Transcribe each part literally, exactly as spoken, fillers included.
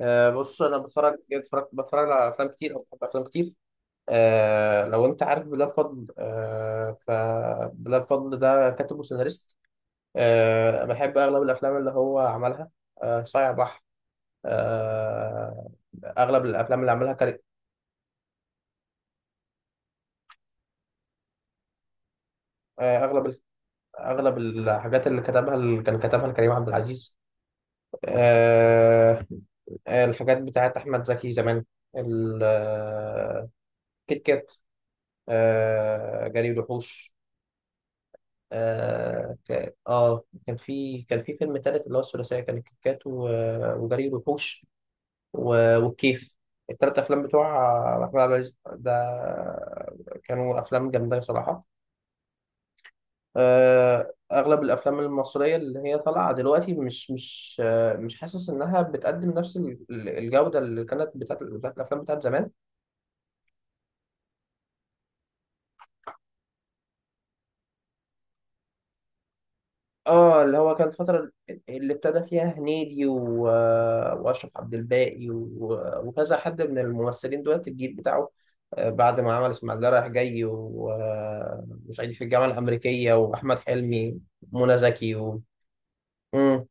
أه بص انا بتفرج جد بتفرج بتفرج على افلام كتير او بحب افلام كتير. أه لو انت عارف بلال فضل، أه فبلال فضل ده كاتب وسيناريست. أه بحب اغلب الافلام اللي هو عملها. أه صايع بحر. أه اغلب الافلام اللي عملها كريم. أه اغلب ال- اغلب الحاجات اللي كتبها اللي كان كتبها لكريم عبد العزيز. أه الحاجات بتاعت احمد زكي زمان. ال- آه، كيت كات. أه جري وحوش. اه ك- آه، كان في كان في فيلم تالت اللي هو الثلاثيه، كان الكيكات و- وجري الوحوش و- والكيف، التلات افلام بتوع احمد عبد العزيز ده، كانوا افلام جامده بصراحه. آه، اغلب الافلام المصريه اللي هي طالعه دلوقتي، مش مش آه، مش حاسس انها بتقدم نفس ال- الجوده اللي كانت بتاعت بتاعت الافلام بتاعت زمان. اه اللي هو كان الفترة اللي ابتدى فيها هنيدي و... وأشرف عبد الباقي و... وكذا حد من الممثلين دولت الجيل بتاعه. آه، بعد ما عمل إسماعيلية رايح جاي و... آه، وصعيدي في الجامعة الأمريكية وأحمد حلمي ومنى زكي و... مم.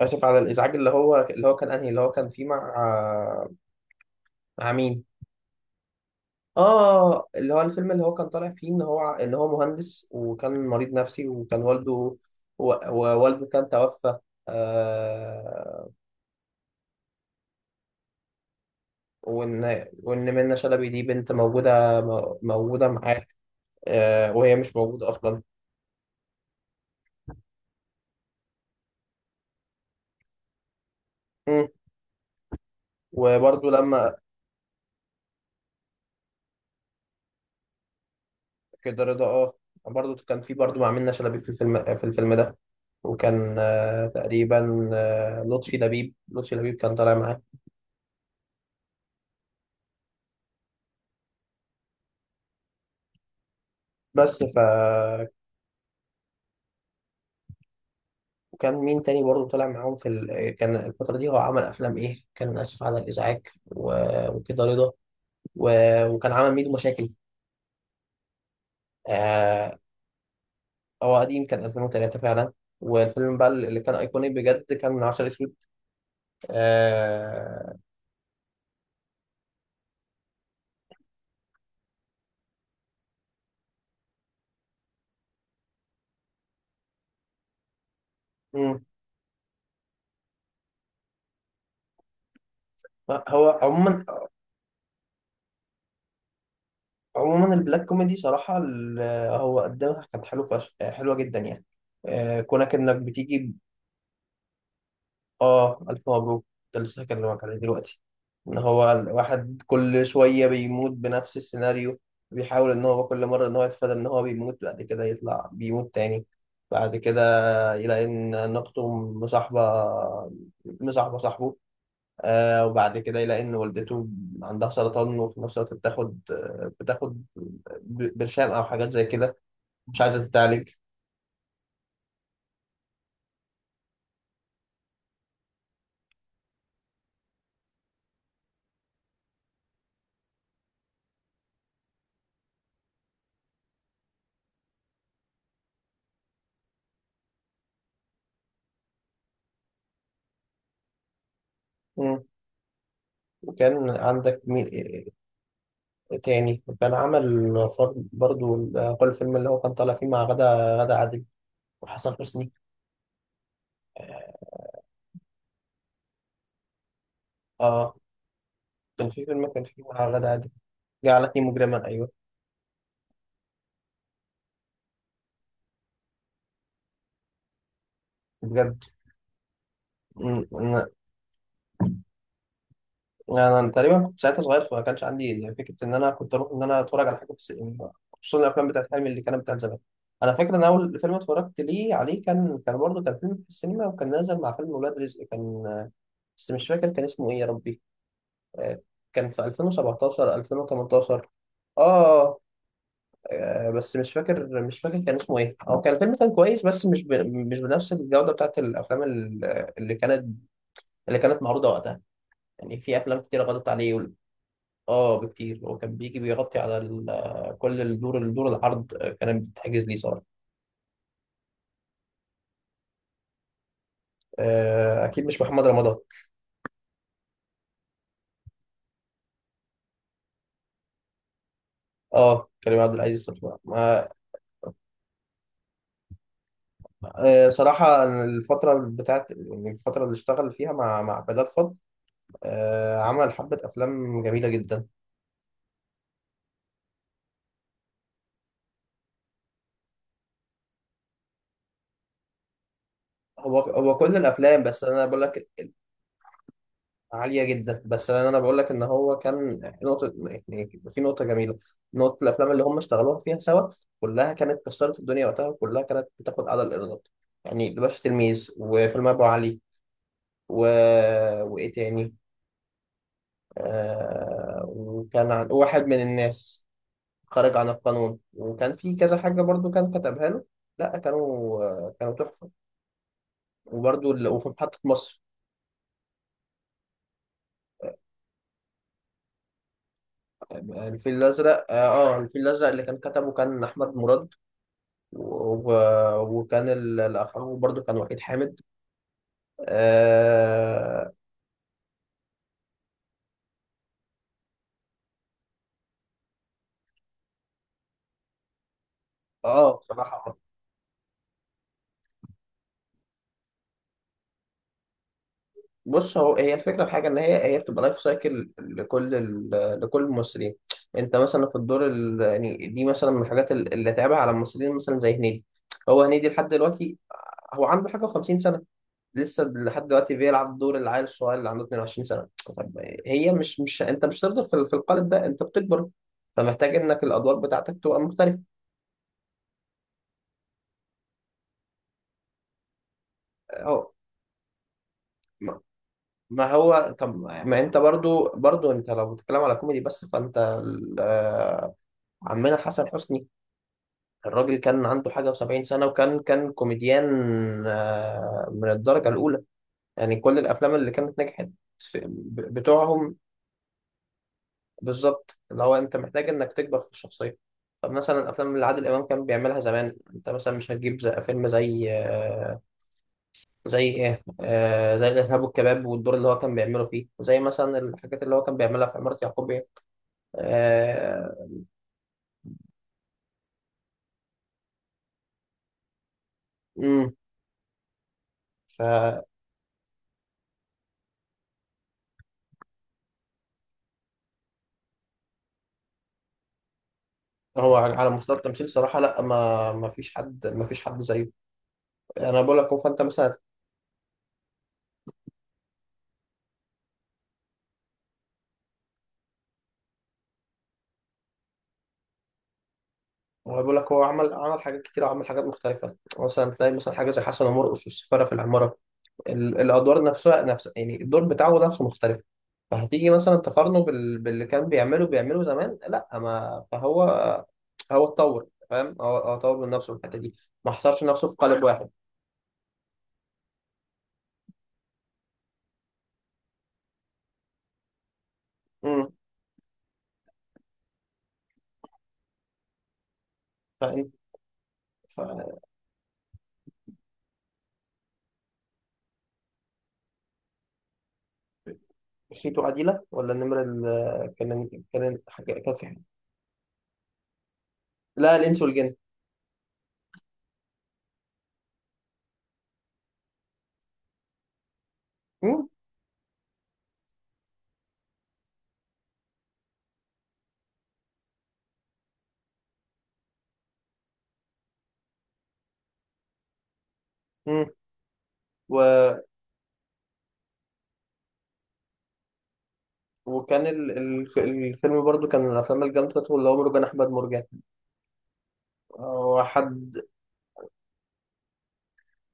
آسف على الإزعاج، اللي هو اللي هو كان أنهي اللي هو كان فيه مع؟ مع مين؟ آه، اللي هو الفيلم اللي هو كان طالع فيه إن هو إن هو مهندس، وكان مريض نفسي، وكان والده و... ووالده كان توفى، آه. وإن وإن منة شلبي دي بنت موجودة، مو- موجودة معاك. آه، وهي مش موجودة أصلا. مم. وبرضو لما كده رضا، اه، برضو كان في، برضو مع منة شلبي في الفيلم في الفيلم ده. وكان آه، تقريبا آه، لطفي لبيب لطفي لبيب كان طالع معاه. بس ف وكان مين تاني برضو طالع معاهم في ال... كان الفترة دي هو عمل أفلام إيه؟ كان آسف على الإزعاج و... وكده رضا و... وكان عمل ميدو مشاكل. آه، هو قديم، كان ألفين وتلاتة فعلا. والفيلم بقى اللي كان ايقوني بجد كان من عسل اسود آه... مم. هو عموما عموما البلاك كوميدي صراحه ال- هو قدمها كانت حلو فش... حلوه جدا يعني. آه، كونك انك بتيجي. اه، الف مبروك، ده لسه هكلمك عليه دلوقتي. ان هو الواحد كل شويه بيموت بنفس السيناريو، بيحاول ان هو كل مره ان هو يتفادى ان هو بيموت، بعد كده يطلع بيموت تاني. بعد كده يلاقي ان اخته مصاحبه مصاحبه صاحبه. آه، وبعد كده يلاقي ان والدته عندها سرطان، وفي نفس الوقت بتاخد آه، بتاخد ب- برشام او حاجات زي كده، مش عايزه تتعالج. مم. وكان عندك مين تاني؟ وكان عمل فر- برضو ال- كل فيلم اللي هو كان طالع فيه مع غادة غادة عادل وحسن حسني، اه. كان في فيلم كان فيه مع غادة عادل، جعلتني مجرما، ايوه. بجد. م- انا أنا تقريبا كنت ساعتها صغير، فما كانش عندي يعني فكره ان انا كنت اروح ان انا اتفرج على حاجه في السينما، خصوصا الافلام بتاعت حلمي اللي كانت بتاعت زمان. انا فاكر ان اول فيلم اتفرجت ليه عليه كان كان برضه كان فيلم في السينما، وكان نازل مع فيلم ولاد رزق كان، بس مش فاكر كان اسمه ايه يا ربي. آه، كان في ألفين وسبعتاشر ألفين وتمنتاشر، اه. آه، بس مش فاكر مش فاكر كان اسمه ايه. هو كان الفيلم كان كويس، بس مش ب... مش بنفس الجودة بتاعت الافلام ال- اللي كانت اللي كانت معروضة وقتها. يعني في افلام كتير غلطت عليه وال- اه بكتير، هو كان بيجي بيغطي على ال... كل الدور الدور العرض، آه، كانت بتتحجز ليه صراحة. آه، اكيد مش محمد رمضان. اه كريم عبد العزيز صراحة ما- آه، صراحة أنا الفترة بتاعت يعني الفترة اللي اشتغل فيها مع مع بدر فضل، آه، عمل حبة أفلام جميلة جدا. هو هو كل الافلام، بس انا بقول لك، عالية جدا، بس انا أنا بقول لك ان هو كان نقطة، يعني في نقطة جميلة، نقطة الافلام اللي هم اشتغلوها فيها سوا كلها كانت كسرت الدنيا وقتها، وكلها كانت بتاخد اعلى الايرادات. يعني الباشا تلميذ، وفيلم ابو علي و... وايه تاني، آه... وكان عن... واحد من الناس، خارج عن القانون، وكان في كذا حاجة برضو كان كتبها له. لا كانوا كانوا تحفة. وبرضو ال... وفي محطة مصر. آه، الفيل الأزرق اه آه، الفيل الأزرق اللي كان كتبه كان أحمد مراد و... وكان ال- الاخر برضو كان وحيد حامد، اه. آه، بصراحه، بص هو هي الفكره في حاجه ان هي هي بتبقى لايف سايكل لكل ال... لكل الممثلين. انت مثلا في الدور ال... يعني دي مثلا من الحاجات ال- اللي اتعبها على الممثلين، مثلا زي هنيدي. هو هنيدي لحد دلوقتي، هو عنده حاجه و50 سنه، لسه لحد دلوقتي بيلعب دور العيل الصغير اللي عنده اتنين وعشرين سنه. طب، هي مش مش انت مش هتفضل في في القالب ده، انت بتكبر، فمحتاج انك الادوار بتاعتك تبقى مختلفه. اهو، ما هو طب، ما انت برضو برضو انت لو بتتكلم على كوميدي بس، فانت ال- آه، عمنا حسن حسني، الراجل كان عنده حاجة وسبعين سنة، وكان كان كوميديان، آه، من الدرجة الأولى، يعني كل الأفلام اللي كانت نجحت في- ب- بتوعهم. بالظبط، اللي هو أنت محتاج إنك تكبر في الشخصية. طب مثلا الأفلام اللي عادل إمام كان بيعملها زمان، أنت مثلا مش هتجيب زي فيلم زي آه، زي إيه آه، زي الإرهاب والكباب، والدور اللي هو كان بيعمله فيه، زي مثلا الحاجات اللي هو كان بيعملها في عمارة يعقوب، آه، امم. فهو، على على مستوى التمثيل صراحة، لا ما ما فيش حد، ما فيش حد زيه. يعني انا بقول لك، هو، فانت مثلا، هو بقول لك هو عمل عمل حاجات كتير، وعمل حاجات مختلفة. مثلا تلاقي مثلا حاجة زي حسن ومرقص، والسفارة في العمارة، ال- الادوار نفسها، نفس يعني الدور بتاعه، نفسه مختلف. فهتيجي مثلا تقارنه بال... باللي كان بيعمله بيعمله زمان، لا ما فهو، هو اتطور، فاهم؟ هو هو اتطور من نفسه في الحتة دي، ما حصرش نفسه في قالب واحد. امم، فانت، خيتو عديلة ولا النمرة ال كان كان حاجة- كانت في حاجة، لا، الإنس والجن. مم؟ مم. و... وكان ال... ال- الفيلم برضو كان من الأفلام الجامدة بتاعته، اللي هو مرجان أحمد مرجان. هو حد،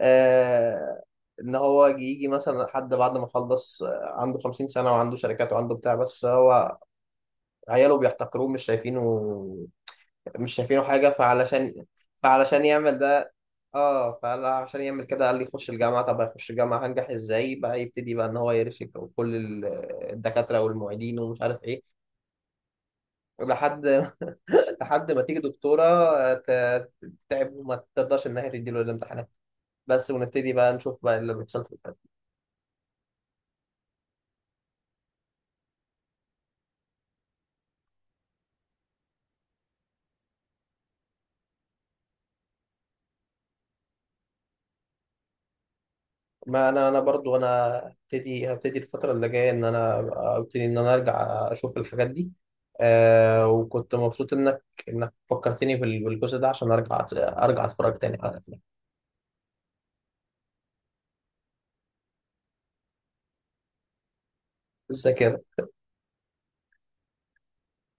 آه... إن هو يجي مثلا حد بعد ما خلص، آه، عنده خمسين سنة وعنده شركات وعنده بتاع، بس هو عياله بيحتقروه، مش شايفينه، مش شايفينه حاجة. فعلشان، فعلشان يعمل ده، اه فقال عشان يعمل كده، قال لي يخش الجامعه. طب هيخش الجامعه هنجح ازاي؟ بقى يبتدي بقى ان هو يرشك كل ال- الدكاتره والمعيدين ومش عارف ايه، لحد لحد ما تيجي دكتوره ت- تتعب وما تقدرش ان هي تديله الامتحانات، بس، ونبتدي بقى نشوف بقى اللي بيحصل في البلد. ما انا انا برضو انا هبتدي، هبتدي الفتره اللي جايه ان انا ابتدي ان انا ارجع اشوف الحاجات دي. آه، وكنت مبسوط انك انك فكرتني بال- بالجزء ده عشان ارجع ارجع اتفرج تاني على الافلام، الذاكره.